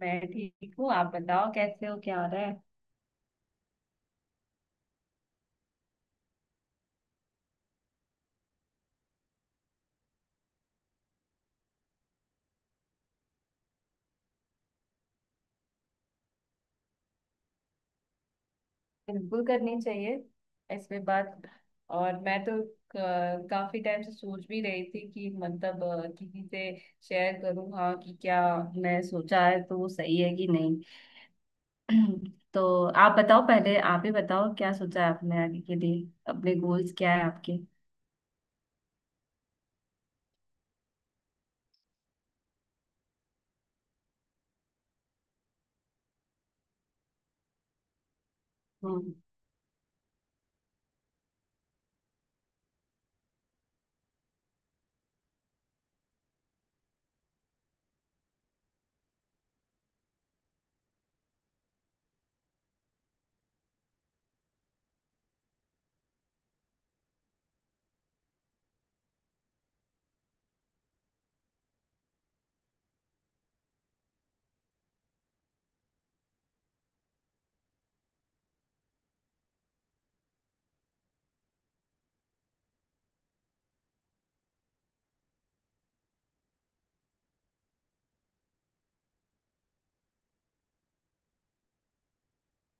मैं ठीक हूँ। आप बताओ कैसे हो, क्या हो रहा है। बिल्कुल करनी चाहिए इस पे बात। और मैं तो काफी टाइम से सोच भी रही थी कि मतलब किसी से शेयर करूँ, हाँ, कि क्या मैं सोचा है तो वो सही है कि नहीं। तो आप बताओ, पहले आप ही बताओ क्या सोचा है आपने आगे के लिए, अपने गोल्स क्या है आपके।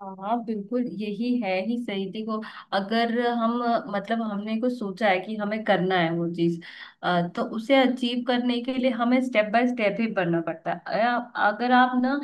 हाँ बिल्कुल यही है ही सही। देखो अगर हम मतलब हमने कुछ सोचा है कि हमें करना है वो चीज, तो उसे अचीव करने के लिए हमें स्टेप बाय स्टेप ही बढ़ना पड़ता है। अगर आप ना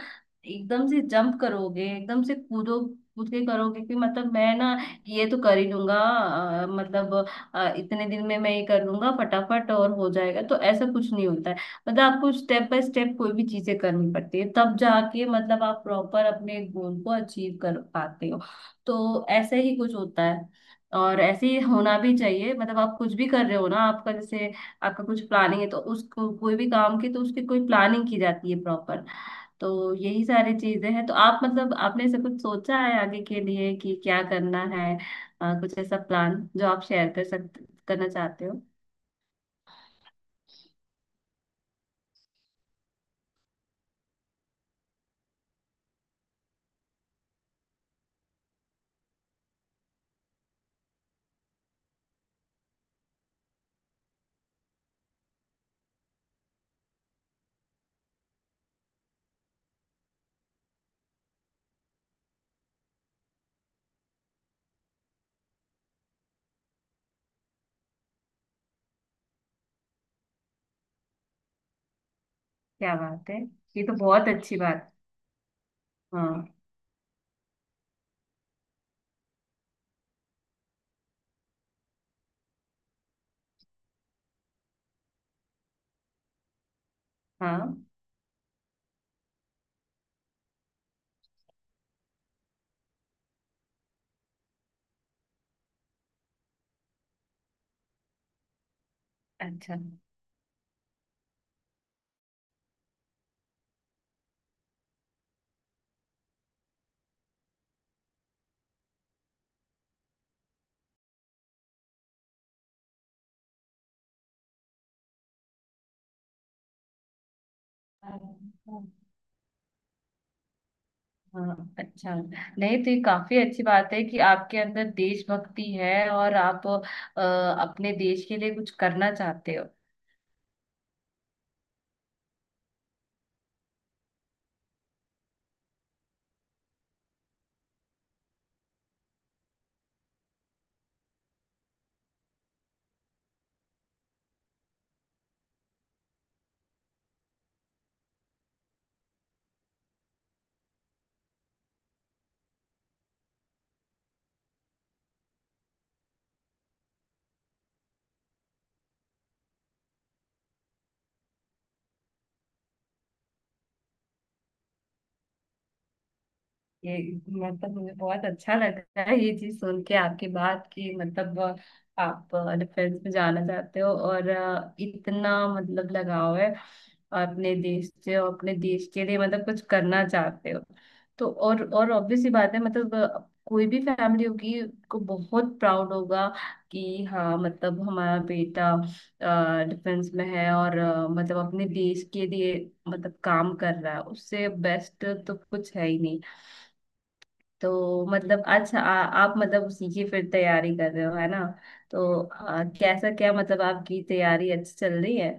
एकदम से जंप करोगे, एकदम से कूदो, कूद के करोगे कि मतलब मैं ना ये तो कर ही लूंगा, मतलब इतने दिन में मैं ये कर लूंगा फटाफट और हो जाएगा, तो ऐसा कुछ नहीं होता है। मतलब आपको स्टेप बाय स्टेप कोई भी चीजें करनी पड़ती है, तब जाके मतलब आप प्रॉपर अपने गोल को अचीव कर पाते हो। तो ऐसे ही कुछ होता है और ऐसे ही होना भी चाहिए। मतलब आप कुछ भी कर रहे हो ना, आपका जैसे आपका कुछ प्लानिंग है तो उसको कोई भी काम की तो उसकी कोई प्लानिंग की जाती है प्रॉपर। तो यही सारी चीजें हैं। तो आप मतलब आपने ऐसा कुछ सोचा है आगे के लिए कि क्या करना है, कुछ ऐसा प्लान जो आप शेयर कर सकते करना चाहते हो। क्या बात है। ये तो बहुत अच्छी बात। हाँ। हाँ अच्छा। हाँ अच्छा। नहीं तो ये काफी अच्छी बात है कि आपके अंदर देशभक्ति है और आप अपने देश के लिए कुछ करना चाहते हो। ये मतलब मुझे बहुत अच्छा लग रहा है ये चीज सुन के, आपकी बात की मतलब आप डिफेंस में जाना चाहते हो और इतना मतलब लगाव है अपने देश से, और अपने देश के लिए मतलब कुछ करना चाहते हो। तो और ऑब्वियस सी बात है मतलब कोई भी फैमिली होगी को बहुत प्राउड होगा कि हाँ मतलब हमारा बेटा डिफेंस में है और मतलब अपने देश के लिए मतलब काम कर रहा है। उससे बेस्ट तो कुछ है ही नहीं। तो मतलब अच्छा, आप मतलब उसी की फिर तैयारी कर रहे हो है ना। तो कैसा क्या मतलब आपकी तैयारी अच्छी चल रही है।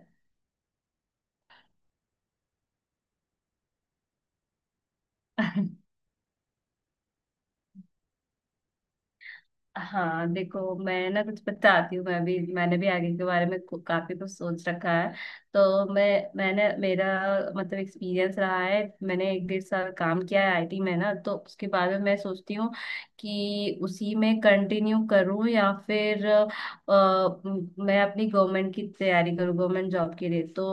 हाँ देखो मैं ना कुछ बताती हूँ, मैं भी मैंने भी आगे के बारे में काफी कुछ सोच रखा है। तो मैं मैंने मेरा मतलब एक्सपीरियंस रहा है। मैंने एक डेढ़ साल काम किया है आईटी में ना। तो उसके बाद में मैं सोचती हूँ कि उसी में कंटिन्यू करूँ या फिर मैं अपनी गवर्नमेंट की तैयारी करूँ, गवर्नमेंट जॉब के लिए। तो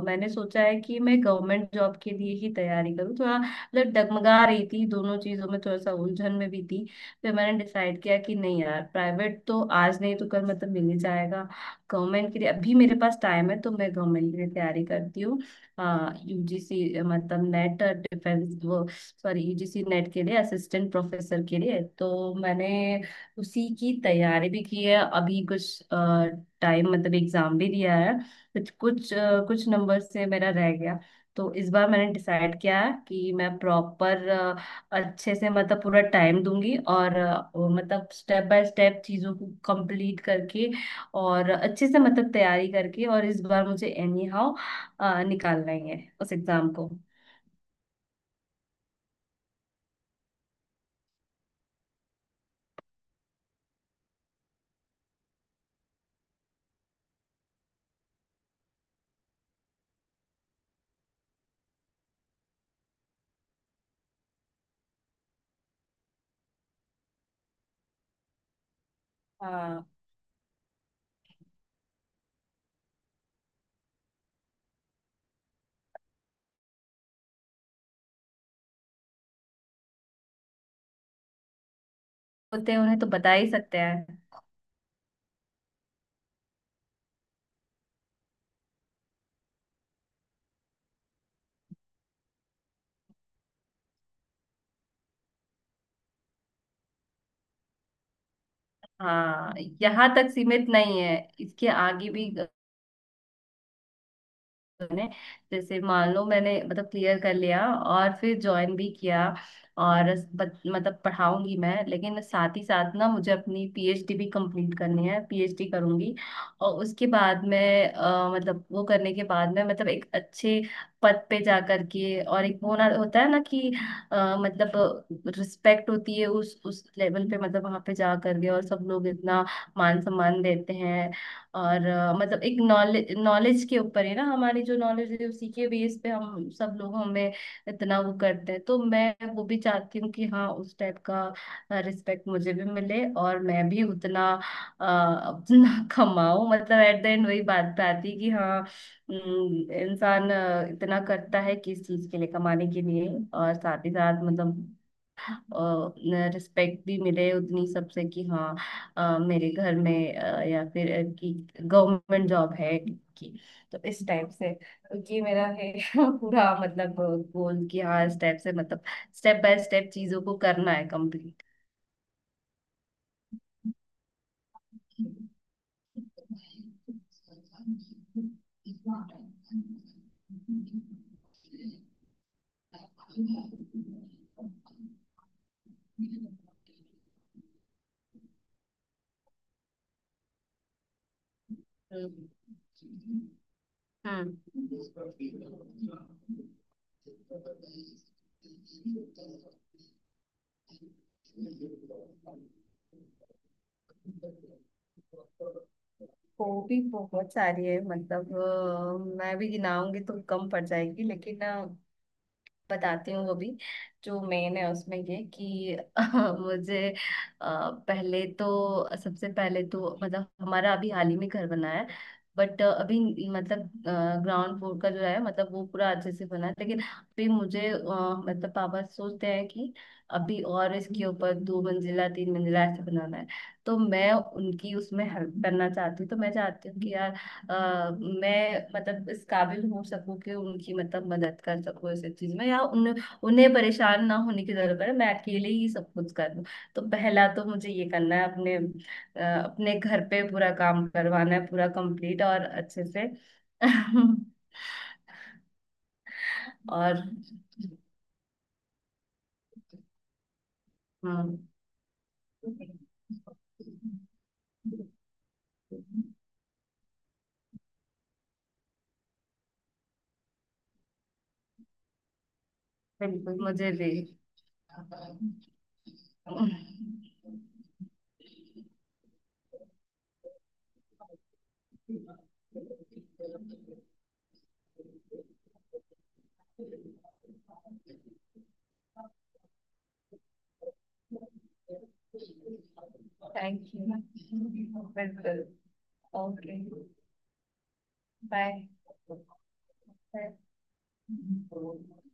मैंने सोचा है कि मैं गवर्नमेंट जॉब के लिए ही तैयारी करूँ। थोड़ा मतलब डगमगा रही थी दोनों चीजों में, थोड़ा सा उलझन में भी थी। फिर मैंने डिसाइड किया कि नहीं यार, प्राइवेट तो आज नहीं तो कल मतलब मिल ही जाएगा। गवर्नमेंट के लिए अभी मेरे पास टाइम है, तो मैं गवर्नमेंट के लिए तैयारी करती हूँ। यूजीसी मतलब नेट डिफेंस वो, सॉरी यूजीसी नेट के लिए, असिस्टेंट प्रोफेसर के लिए। तो मैंने उसी की तैयारी भी की है। अभी कुछ टाइम मतलब एग्जाम भी दिया है। कुछ कुछ कुछ नंबर से मेरा रह गया। तो इस बार मैंने डिसाइड किया है कि मैं प्रॉपर अच्छे से मतलब पूरा टाइम दूंगी, और वो मतलब स्टेप बाय स्टेप चीजों को कंप्लीट करके और अच्छे से मतलब तैयारी करके, और इस बार मुझे एनी हाउ निकालना ही है उस एग्जाम को। हाँ होते हैं उन्हें तो बता ही सकते हैं। हाँ यहाँ तक सीमित नहीं है। इसके आगे भी, मैंने जैसे मान लो मैंने मतलब क्लियर कर लिया और फिर ज्वाइन भी किया और मतलब पढ़ाऊंगी मैं, लेकिन साथ ही साथ ना मुझे अपनी पीएचडी भी कंप्लीट करनी है, पीएचडी करूंगी। और उसके बाद मैं मतलब वो करने के बाद मैं मतलब एक अच्छे पद पे जा करके, और एक वो ना होता है ना कि मतलब रिस्पेक्ट होती है उस लेवल पे, मतलब वहां पे जा करके। और सब लोग इतना मान सम्मान देते हैं। और मतलब एक नॉलेज, नॉलेज के ऊपर है ना, हमारी जो नॉलेज है उसी के बेस पे हम सब लोग हमें इतना वो करते हैं। तो मैं वो भी चाहती हूँ कि हाँ उस टाइप का रिस्पेक्ट मुझे भी मिले, और मैं भी उतना अपना कमाऊं। मतलब एट द एंड वही बात पे आती है कि हाँ, इंसान इतना करता है किस चीज के लिए, कमाने के लिए। और साथ ही साथ मतलब रिस्पेक्ट भी मिले उतनी सबसे कि हाँ, मेरे घर में या फिर कि गवर्नमेंट जॉब है कि। तो इस टाइप से तो ये मेरा है पूरा मतलब गोल कि हाँ, इस टाइप से मतलब स्टेप बाय स्टेप चीजों को करना है कंप्लीट। हम्म। हम्म। हॉबी। बहुत सारी है, मतलब मैं भी गिनाऊंगी तो कम पड़ जाएगी, लेकिन बताती हूँ वो भी। जो मेन है उसमें ये कि मुझे पहले तो, सबसे पहले तो मतलब हमारा अभी हाल ही में घर बना है। बट अभी मतलब ग्राउंड फ्लोर का जो है मतलब वो पूरा अच्छे से बना है, लेकिन अभी मुझे मतलब पापा सोचते हैं कि अभी और इसके ऊपर दो मंजिला तीन मंजिला ऐसे बनाना है। तो मैं उनकी उसमें हेल्प करना चाहती हूँ। तो मैं चाहती हूँ कि यार मैं मतलब इस काबिल हो सकूं कि उनकी मतलब मदद कर सकूं इस चीज में, या उन्हें परेशान ना होने की जरूरत है, मैं अकेले ही सब कुछ कर लूं। तो पहला तो मुझे ये करना है, अपने अपने घर पे पूरा काम करवाना है, पूरा कंप्लीट और अच्छे से। और हाँ। बिल्कुल। मुझे भी। Thank you. बिल्कुल। ओके। झाल। झाल। झाल।